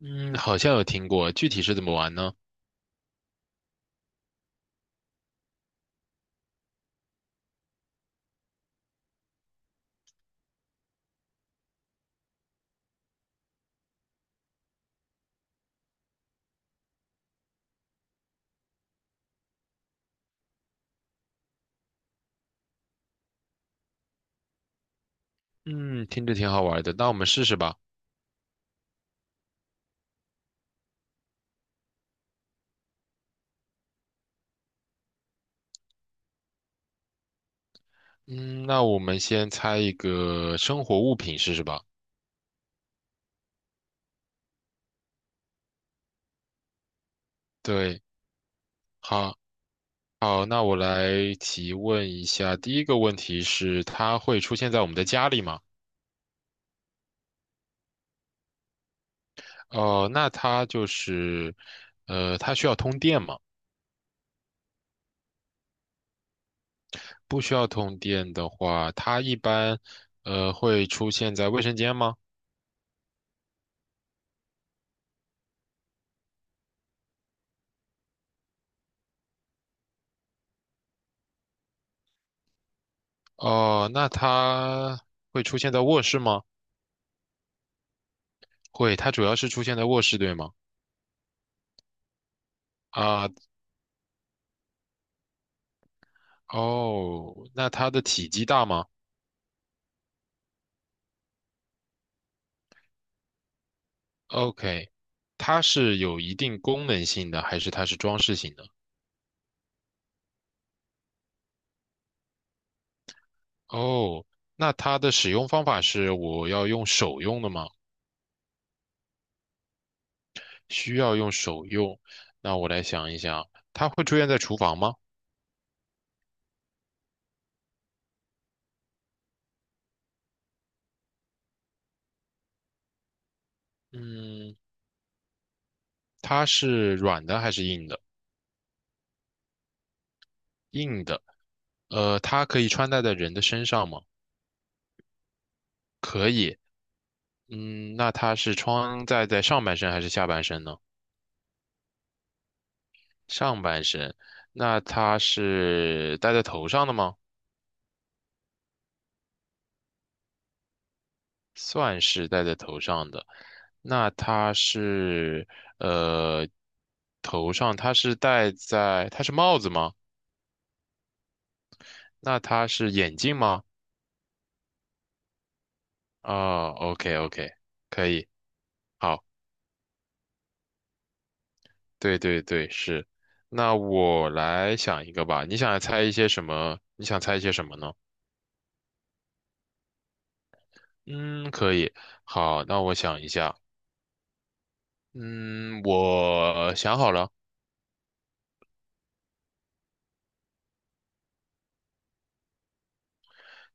嗯，好像有听过，具体是怎么玩呢？嗯，听着挺好玩的，那我们试试吧。嗯，那我们先猜一个生活物品试试吧。对，好，好，那我来提问一下，第一个问题是，它会出现在我们的家里吗？哦，那它就是，它需要通电吗？不需要通电的话，它一般，会出现在卫生间吗？哦，那它会出现在卧室吗？会，它主要是出现在卧室，对吗？啊，哦，那它的体积大吗？OK，它是有一定功能性的，还是它是装饰性的？哦，那它的使用方法是我要用手用的吗？需要用手用。那我来想一想，它会出现在厨房吗？嗯，它是软的还是硬的？硬的。它可以穿戴在人的身上吗？可以。嗯，那它是穿戴在上半身还是下半身呢？上半身，那它是戴在头上的吗？算是戴在头上的。那它是呃，头上它是戴在，它是帽子吗？那它是眼镜吗？啊，OK OK，可以，好，对对对，是。那我来想一个吧，你想猜一些什么？你想猜一些什么呢？嗯，可以，好，那我想一下，嗯，我想好了。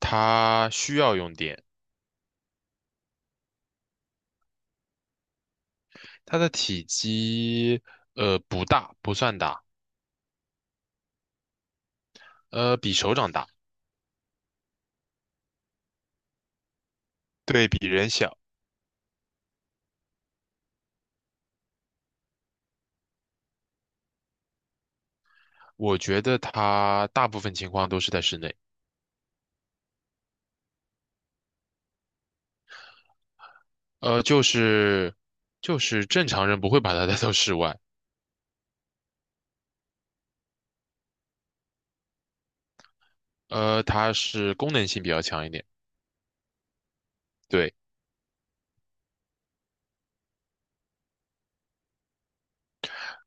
它需要用电，它的体积不大，不算大，比手掌大，对比人小。我觉得它大部分情况都是在室内，呃就是就是正常人不会把它 带到室外，它是功能性比较强一点，对，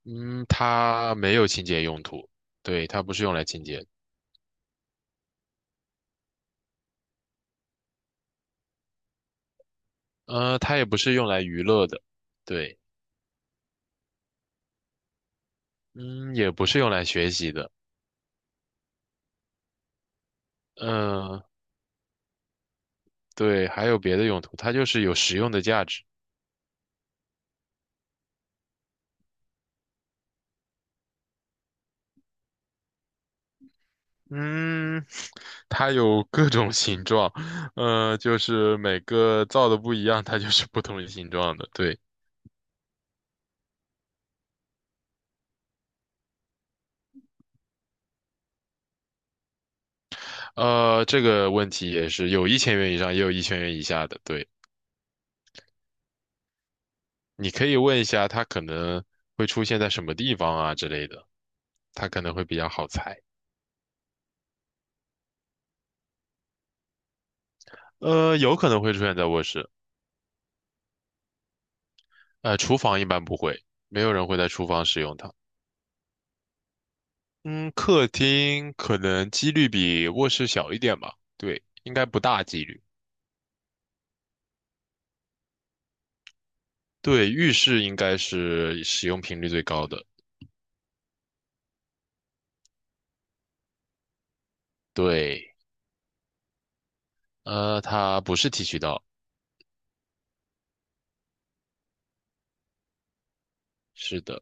嗯它没有清洁用途，对它不是用来清洁的，它也不是用来娱乐的，对，嗯也不是用来学习的，嗯、对，还有别的用途，它就是有实用的价值。嗯，它有各种形状，就是每个造的不一样，它就是不同形状的。对，这个问题也是有一千元以上，也有一千元以下的。对，你可以问一下它可能会出现在什么地方啊之类的，它可能会比较好猜。有可能会出现在卧室，厨房一般不会，没有人会在厨房使用它。嗯，客厅可能几率比卧室小一点吧，对，应该不大几率。对，浴室应该是使用频率最高的。对，它不是剃须刀，是的，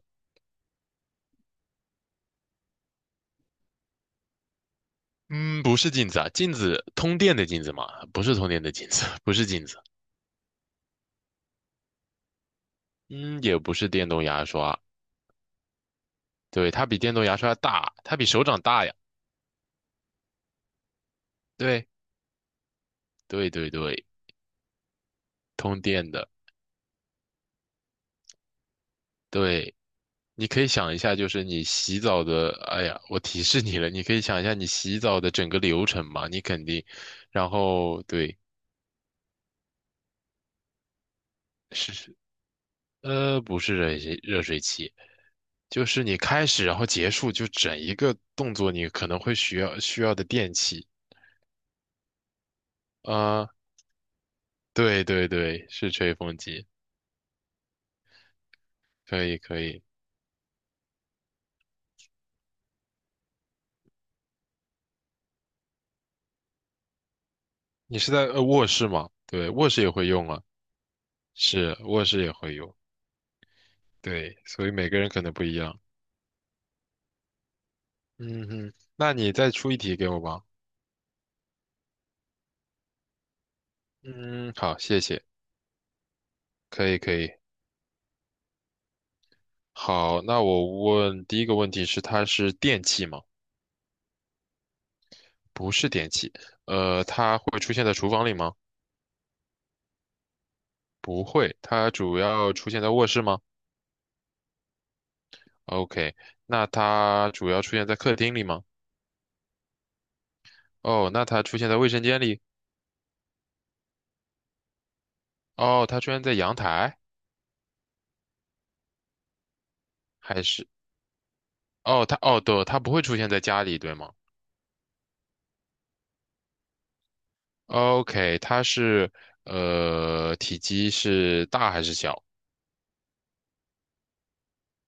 嗯，不是镜子啊，镜子，通电的镜子嘛，不是通电的镜子，不是镜子，嗯，也不是电动牙刷，对，它比电动牙刷大，它比手掌大呀，对，对对对，通电的，对。你可以想一下，就是你洗澡的，哎呀，我提示你了，你可以想一下你洗澡的整个流程嘛，你肯定，然后对，是，不是热水器，就是你开始然后结束，就整一个动作，你可能会需要的电器，啊、对对对，是吹风机，可以可以，你是在卧室吗？对，卧室也会用啊，是卧室也会用，对，所以每个人可能不一样，嗯哼，那你再出一题给我吧。嗯，好，谢谢，可以可以。好，那我问第一个问题是，它是电器吗？不是电器。它会出现在厨房里吗？不会。它主要出现在卧室吗？OK。那它主要出现在客厅里吗？哦，那它出现在卫生间里？哦，它出现在阳台还是？哦，它哦，对，它不会出现在家里，对吗？OK，它是体积是大还是小？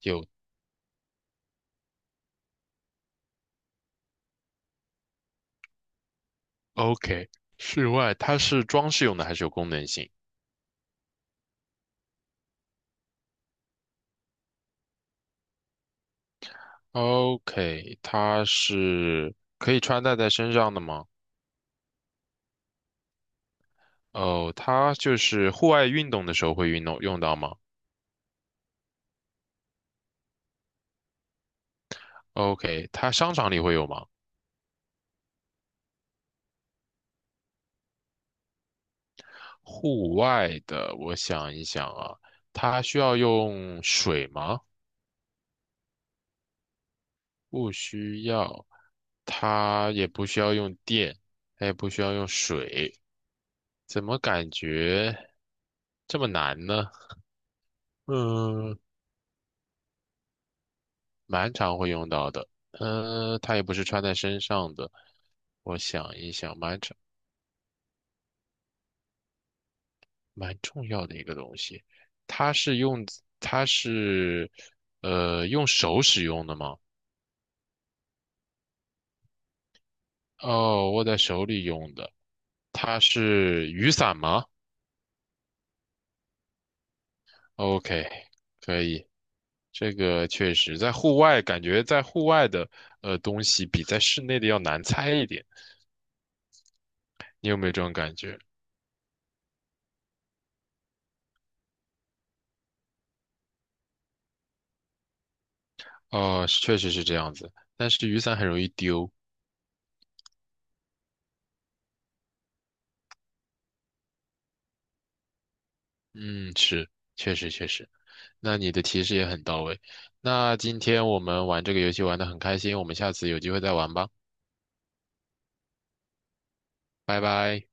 有 OK，室外它是装饰用的还是有功能性？OK，它是可以穿戴在身上的吗？哦，它就是户外运动的时候会运动用到吗？OK，它商场里会有吗？户外的，我想一想啊，它需要用水吗？不需要，它也不需要用电，它也不需要用水，怎么感觉这么难呢？嗯。蛮常会用到的。嗯、它也不是穿在身上的。我想一想，蛮重要的一个东西。它是用它是用手使用的吗？哦，握在手里用的。它是雨伞吗？OK，可以。这个确实在户外，感觉在户外的东西比在室内的要难猜一点。你有没有这种感觉？哦，确实是这样子。但是雨伞很容易丢，嗯，是，确实确实，那你的提示也很到位。那今天我们玩这个游戏玩得很开心，我们下次有机会再玩吧，拜拜。